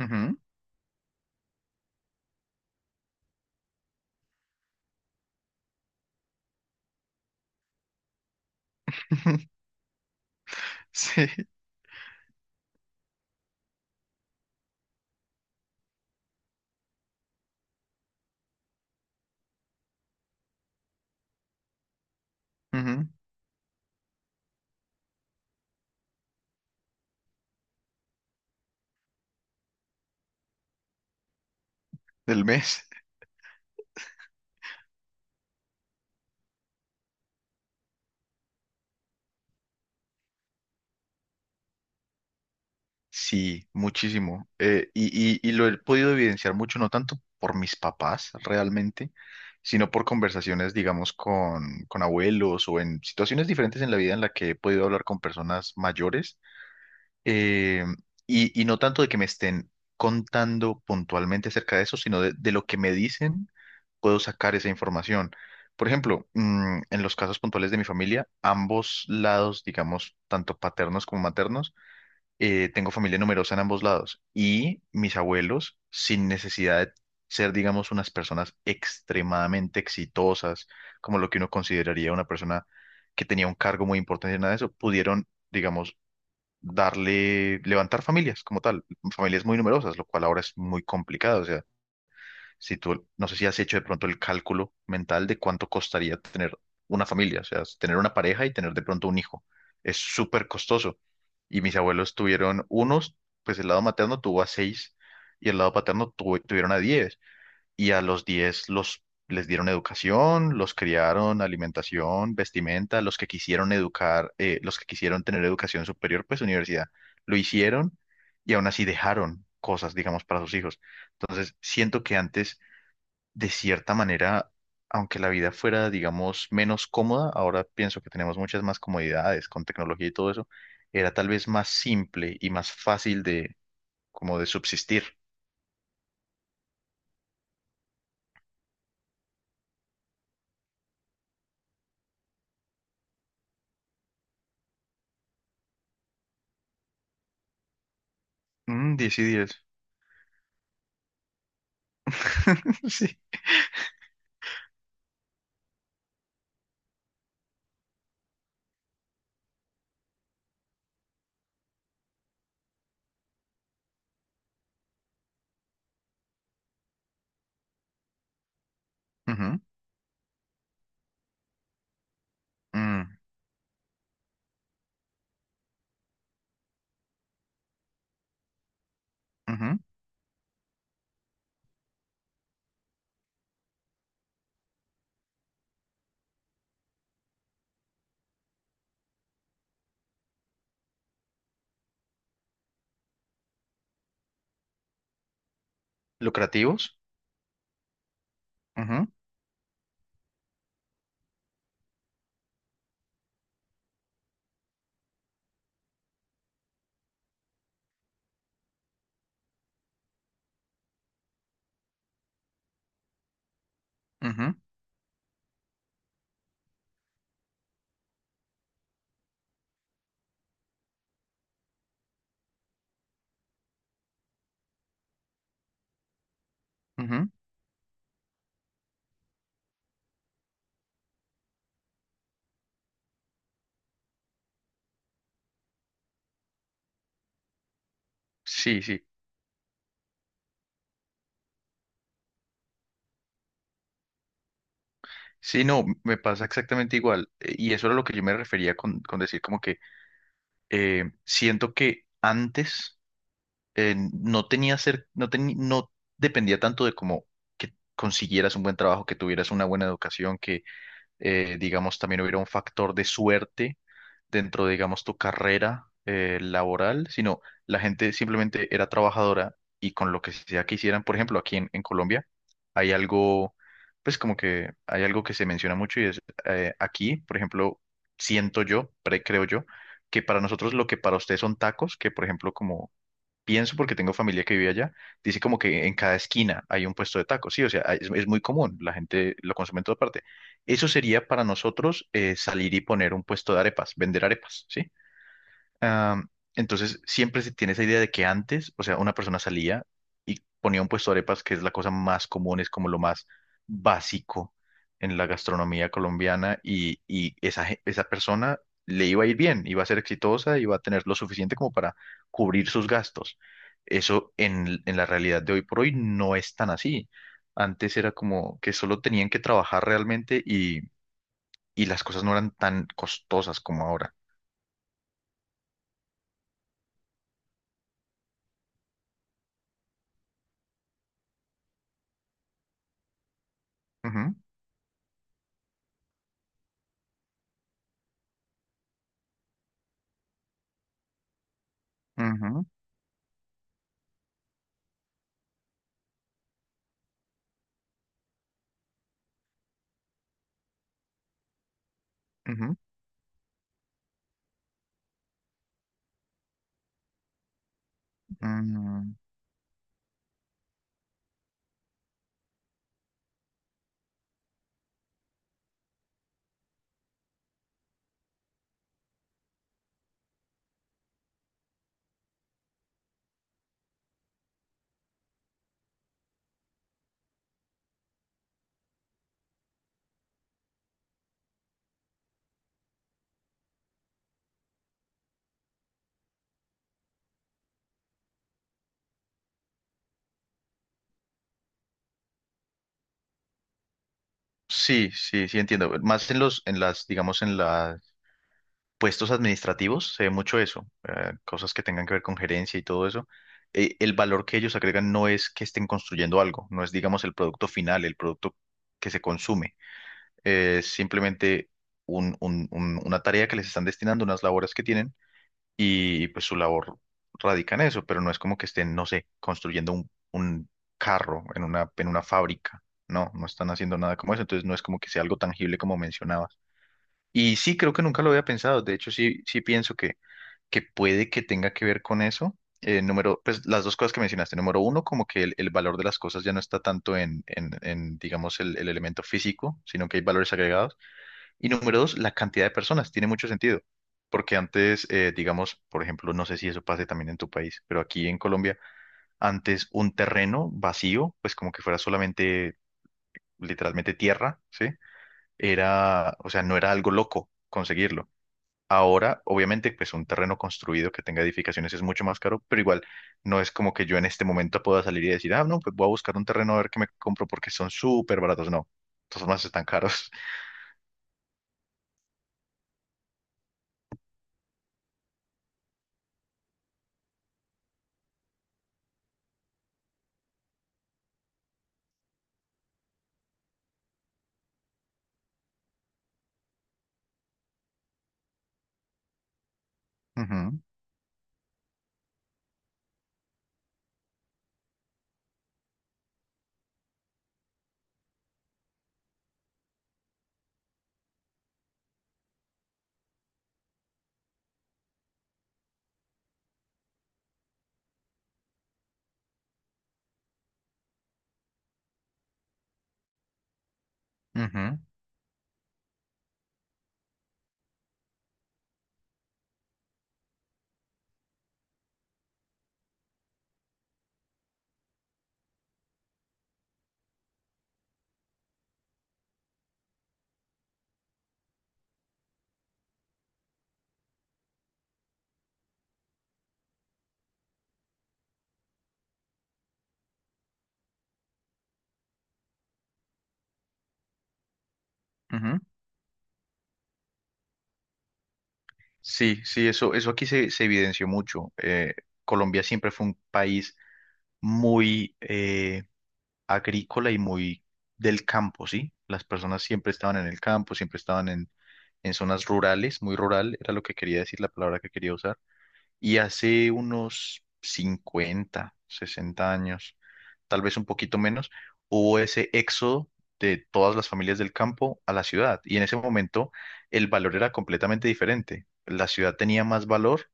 Ujú. Sí, ujú. Del mes. Sí, muchísimo. Y lo he podido evidenciar mucho, no tanto por mis papás realmente, sino por conversaciones, digamos, con abuelos o en situaciones diferentes en la vida en la que he podido hablar con personas mayores, eh, y no tanto de que me estén contando puntualmente acerca de eso, sino de lo que me dicen, puedo sacar esa información. Por ejemplo, en los casos puntuales de mi familia, ambos lados, digamos, tanto paternos como maternos, tengo familia numerosa en ambos lados. Y mis abuelos, sin necesidad de ser, digamos, unas personas extremadamente exitosas, como lo que uno consideraría una persona que tenía un cargo muy importante y nada de eso, pudieron, digamos, darle, levantar familias como tal, familias muy numerosas, lo cual ahora es muy complicado. O sea, si tú, no sé si has hecho de pronto el cálculo mental de cuánto costaría tener una familia, o sea, tener una pareja y tener de pronto un hijo. Es súper costoso. Y mis abuelos tuvieron unos, pues el lado materno tuvo a seis y el lado paterno tuvieron a diez y a los 10 los, les dieron educación, los criaron, alimentación, vestimenta, los que quisieron educar, los que quisieron tener educación superior, pues universidad, lo hicieron y aún así dejaron cosas, digamos, para sus hijos. Entonces, siento que antes, de cierta manera, aunque la vida fuera, digamos, menos cómoda, ahora pienso que tenemos muchas más comodidades con tecnología y todo eso, era tal vez más simple y más fácil de, como de subsistir. Mm, 10 y diez. Sí. Ujú. Mm. Ujú. Lucrativos. Ujú, ujú, ujú. Sí, sí. Sí, no, me pasa exactamente igual. Y eso era lo que yo me refería con decir como que siento que antes, no tenía ser, no teni- no dependía tanto de como que consiguieras un buen trabajo, que tuvieras una buena educación, que digamos también hubiera un factor de suerte dentro de, digamos, tu carrera laboral, sino la gente simplemente era trabajadora y con lo que sea que hicieran, por ejemplo, aquí en Colombia, hay algo, pues como que hay algo que se menciona mucho y es aquí, por ejemplo, siento yo, creo yo, que para nosotros lo que para ustedes son tacos, que por ejemplo, como pienso porque tengo familia que vive allá, dice como que en cada esquina hay un puesto de tacos, sí, o sea, es muy común, la gente lo consume en toda parte. Eso sería para nosotros salir y poner un puesto de arepas, vender arepas, ¿sí? Am, entonces, siempre se tiene esa idea de que antes, o sea, una persona salía y ponía un puesto de arepas, que es la cosa más común, es como lo más básico en la gastronomía colombiana, y esa, esa persona le iba a ir bien, iba a ser exitosa, iba a tener lo suficiente como para cubrir sus gastos. Eso en la realidad de hoy por hoy no es tan así. Antes era como que solo tenían que trabajar realmente y las cosas no eran tan costosas como ahora. Ujú, ujú, ujú. Mm, sí, sí, sí entiendo. Más en los, en las, digamos, en los puestos administrativos se ve mucho eso, cosas que tengan que ver con gerencia y todo eso. El valor que ellos agregan no es que estén construyendo algo, no es, digamos, el producto final, el producto que se consume. Es simplemente una tarea que les están destinando, unas labores que tienen y pues su labor radica en eso, pero no es como que estén, no sé, construyendo un carro en una fábrica, no, no están haciendo nada como eso, entonces no es como que sea algo tangible como mencionabas. Y sí, creo que nunca lo había pensado, de hecho sí, sí pienso que puede que tenga que ver con eso. Número, pues las dos cosas que mencionaste. Número uno, como que el valor de las cosas ya no está tanto en digamos, el elemento físico, sino que hay valores agregados. Y número dos, la cantidad de personas. Tiene mucho sentido. Porque antes, digamos, por ejemplo, no sé si eso pase también en tu país, pero aquí en Colombia, antes un terreno vacío, pues como que fuera solamente, literalmente tierra, ¿sí? Era, o sea, no era algo loco conseguirlo. Ahora, obviamente, pues un terreno construido que tenga edificaciones es mucho más caro, pero igual no es como que yo en este momento pueda salir y decir, ah, no, pues voy a buscar un terreno a ver qué me compro porque son súper baratos. No, de todas formas están caros. Ujú, ujú, ujú. Sí, sí, eso aquí se, se evidenció mucho. Colombia siempre fue un país muy agrícola y muy del campo, ¿sí? Las personas siempre estaban en el campo, siempre estaban en zonas rurales, muy rural, era lo que quería decir, la palabra que quería usar. Y hace unos 50, 60 años, tal vez un poquito menos, hubo ese éxodo de todas las familias del campo a la ciudad. Y en ese momento el valor era completamente diferente. La ciudad tenía más valor,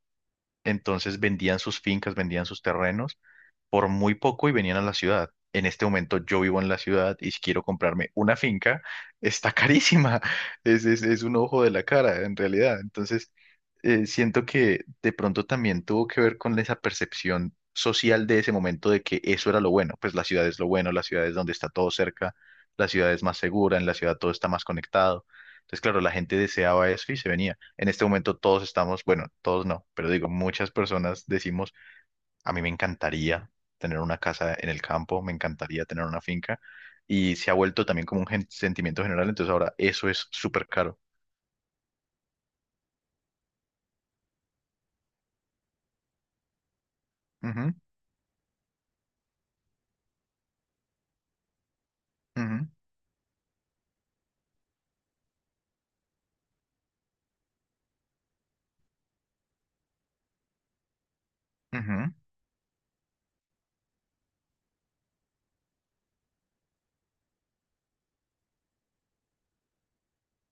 entonces vendían sus fincas, vendían sus terrenos por muy poco y venían a la ciudad. En este momento yo vivo en la ciudad y si quiero comprarme una finca, está carísima. Es un ojo de la cara, en realidad. Entonces, siento que de pronto también tuvo que ver con esa percepción social de ese momento de que eso era lo bueno. Pues la ciudad es lo bueno, la ciudad es donde está todo cerca, la ciudad es más segura, en la ciudad todo está más conectado. Entonces, claro, la gente deseaba eso y se venía. En este momento todos estamos, bueno, todos no, pero digo, muchas personas decimos, a mí me encantaría tener una casa en el campo, me encantaría tener una finca y se ha vuelto también como un sentimiento general, entonces ahora eso es súper caro. Ujú, ujú, ujú,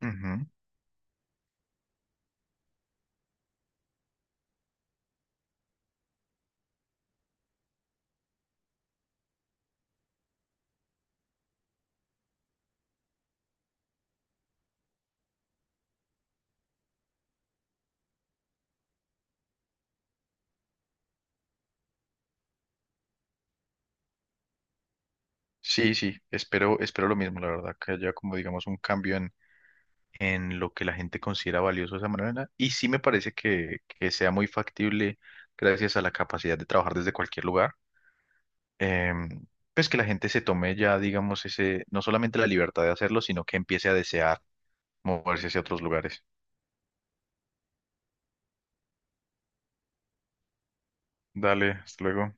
ujú. Sí, sí, espero, espero lo mismo, la verdad, que haya como digamos un cambio en lo que la gente considera valioso de esa manera y sí me parece que sea muy factible gracias a la capacidad de trabajar desde cualquier lugar. Em, pues que la gente se tome ya, digamos, ese, no solamente la libertad de hacerlo, sino que empiece a desear moverse hacia otros lugares. Dale, hasta luego.